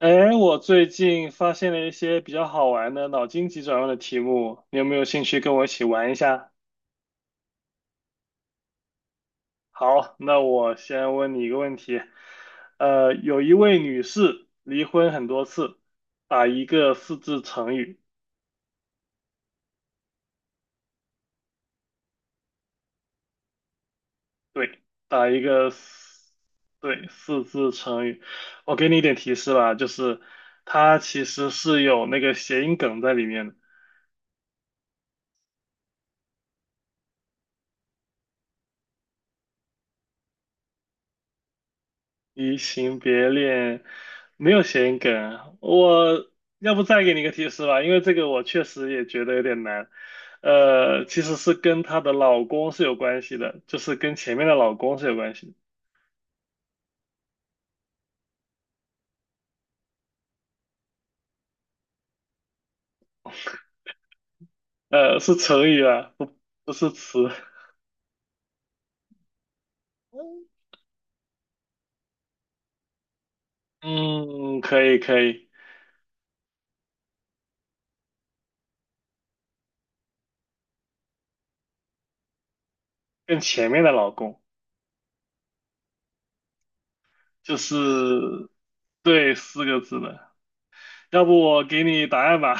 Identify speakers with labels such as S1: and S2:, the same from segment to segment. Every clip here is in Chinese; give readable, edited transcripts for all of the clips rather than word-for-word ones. S1: 哎，我最近发现了一些比较好玩的脑筋急转弯的题目，你有没有兴趣跟我一起玩一下？好，那我先问你一个问题。有一位女士离婚很多次，打一个四字成语。对，打一个四，对，四字成语。我给你一点提示吧，就是它其实是有那个谐音梗在里面的。移情别恋没有谐音梗啊我要不再给你个提示吧，因为这个我确实也觉得有点难。其实是跟她的老公是有关系的，就是跟前面的老公是有关系的是成语啊，不是词。嗯嗯可以，跟前面的老公就是对四个字的，要不我给你答案吧？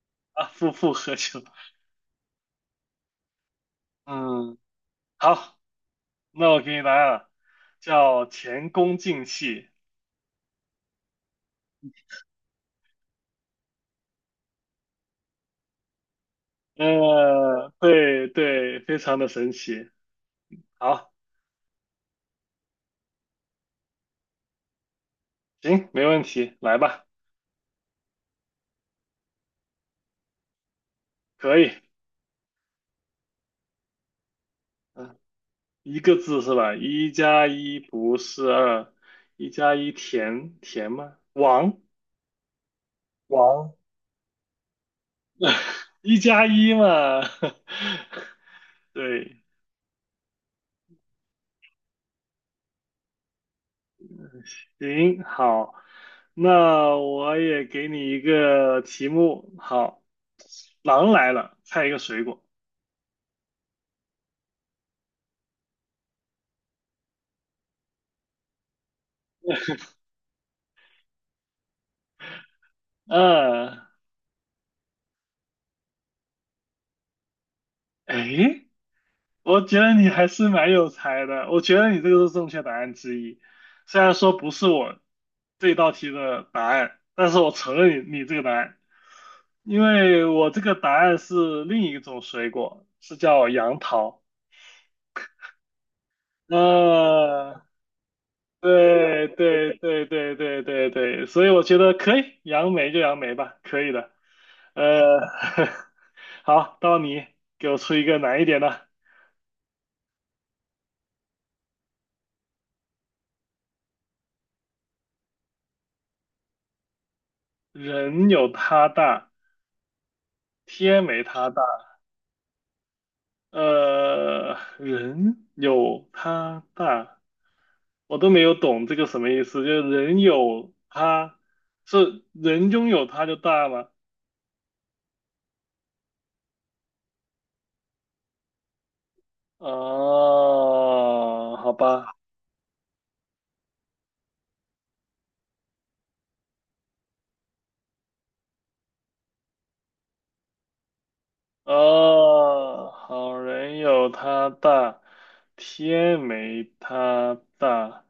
S1: 啊，复合球。嗯，好。那我给你答案，叫前功尽弃。对对，非常的神奇。好，行，没问题，来吧，可以。嗯，一个字是吧？一加一不是二，一加一填填吗？王王，一加一嘛。对，行，好，那我也给你一个题目。好，狼来了，猜一个水果。嗯、呃，哎。我觉得你还是蛮有才的，我觉得你这个是正确答案之一。虽然说不是我这道题的答案，但是我承认你这个答案，因为我这个答案是另一种水果，是叫杨桃。呃，对对对对对对对，所以我觉得可以，杨梅就杨梅吧，可以的。呃，好，到你给我出一个难一点的。人有他大，天没他大。人有他大，我都没有懂这个什么意思。就是人有他，是人拥有他就大吗？哦，好吧，哦，好人有他大，天没他大。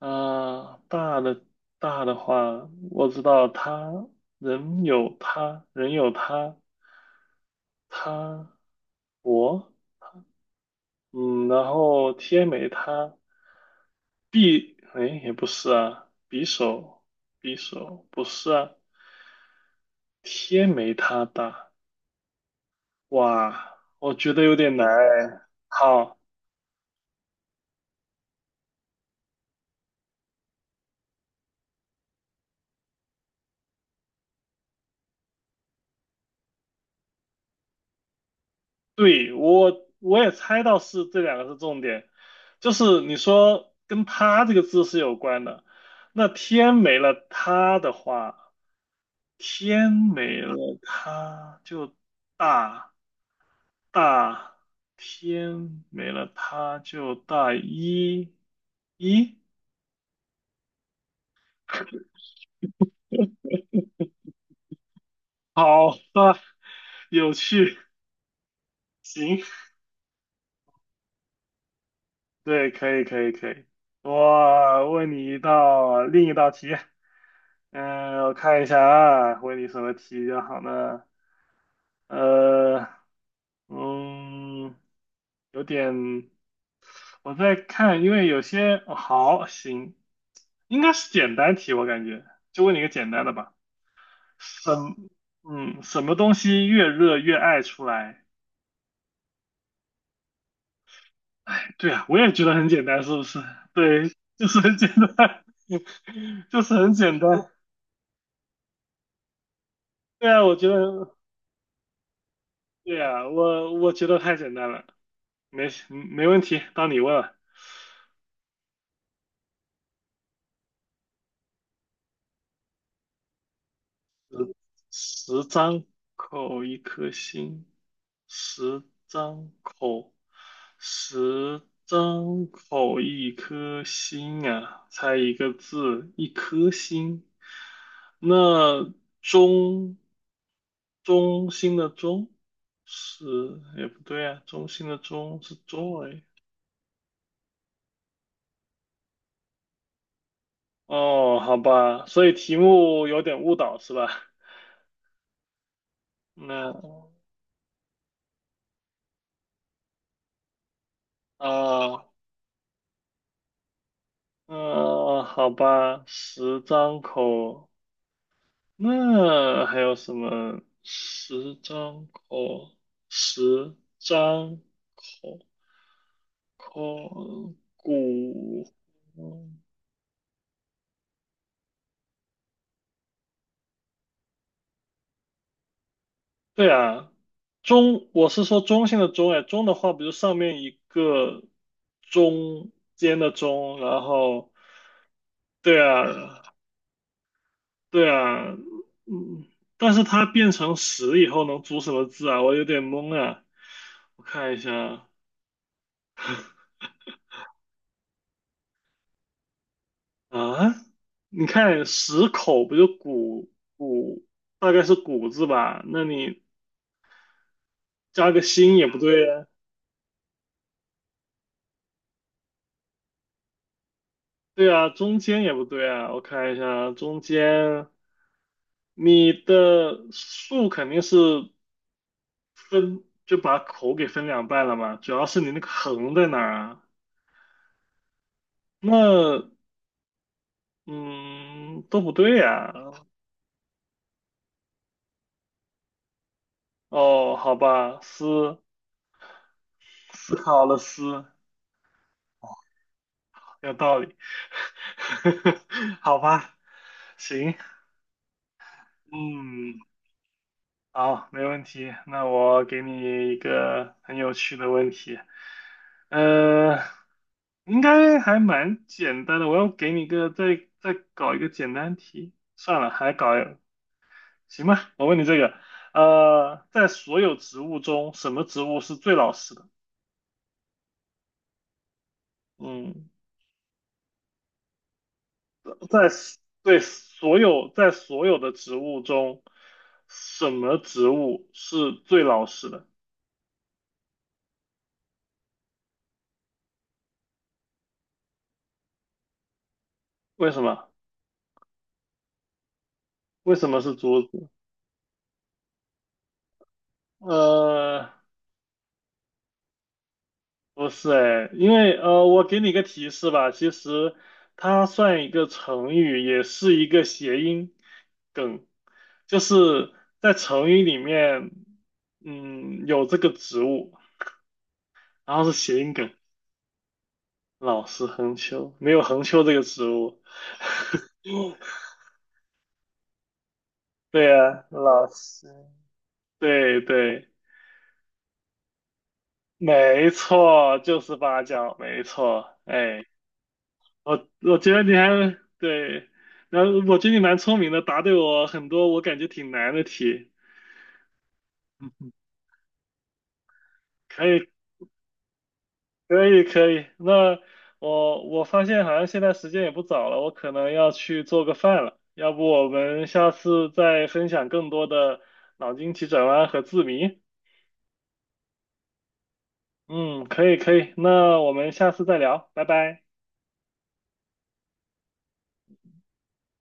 S1: 啊，大的大的话，我知道他人有他，人有他，他我。嗯，然后天没它匕，哎，也不是啊，匕首，匕首不是啊，天没它大，哇，我觉得有点难哎。好，对，我也猜到是这两个是重点，就是你说跟它这个字是有关的，那天没了它的话，天没了它就大。大天没了他就大一，一，好吧，有趣，行，对，可以，可以，可以。我问你一道另一道题，嗯，我看一下啊，问你什么题比较好呢？呃，嗯，有点，我在看，因为有些，哦好，行，应该是简单题，我感觉，就问你一个简单的吧。什，什么东西越热越爱出来？对啊，我也觉得很简单，是不是？对，就是很简单，就是很简单。对啊，我觉得，对啊，我觉得太简单了，没问题，到你问了。十十张口一颗心，十张口，十张口一颗心啊，猜一个字，一颗心。那中中心的中是，也不对啊，中心的中是 joy 哦，好吧，所以题目有点误导是吧？那啊。好吧，十张口，那还有什么？十张口，十张口，口骨，嗯对啊，中，我是说中性的中，哎，中的话比如上面一个中间的中，然后，对啊，对啊，嗯，但是它变成十以后能组什么字啊？我有点懵啊，我看一下啊。啊，你看十口不就谷谷，大概是谷字吧？那你加个心也不对呀。对啊，中间也不对啊。我看一下啊，中间你的竖肯定是分，就把口给分两半了嘛。主要是你那个横在哪儿啊？那嗯，都不对呀。哦，好吧，思思考了思，有道理。好吧，行。嗯，好，没问题。那我给你一个很有趣的问题，呃，应该还蛮简单的。我要给你一个再再搞一个简单题，算了，还搞行吧。我问你这个，在所有植物中，什么植物是最老实的？嗯，对所有在所有的植物中，什么植物是最老实的？为什么？为什么是竹子？呃。不是哎，因为我给你个提示吧，其实它算一个成语，也是一个谐音梗，就是在成语里面，嗯，有这个植物，然后是谐音梗，老实横秋，没有横秋这个植物。对呀，老师，对对，没错，就是八角，没错，哎，我觉得你还对，然后我觉得你蛮聪明的，答对我很多我感觉挺难的题。嗯，可以，可以，可以。那我发现好像现在时间也不早了，我可能要去做个饭了。要不我们下次再分享更多的脑筋急转弯和字谜？嗯，可以，可以。那我们下次再聊，拜拜。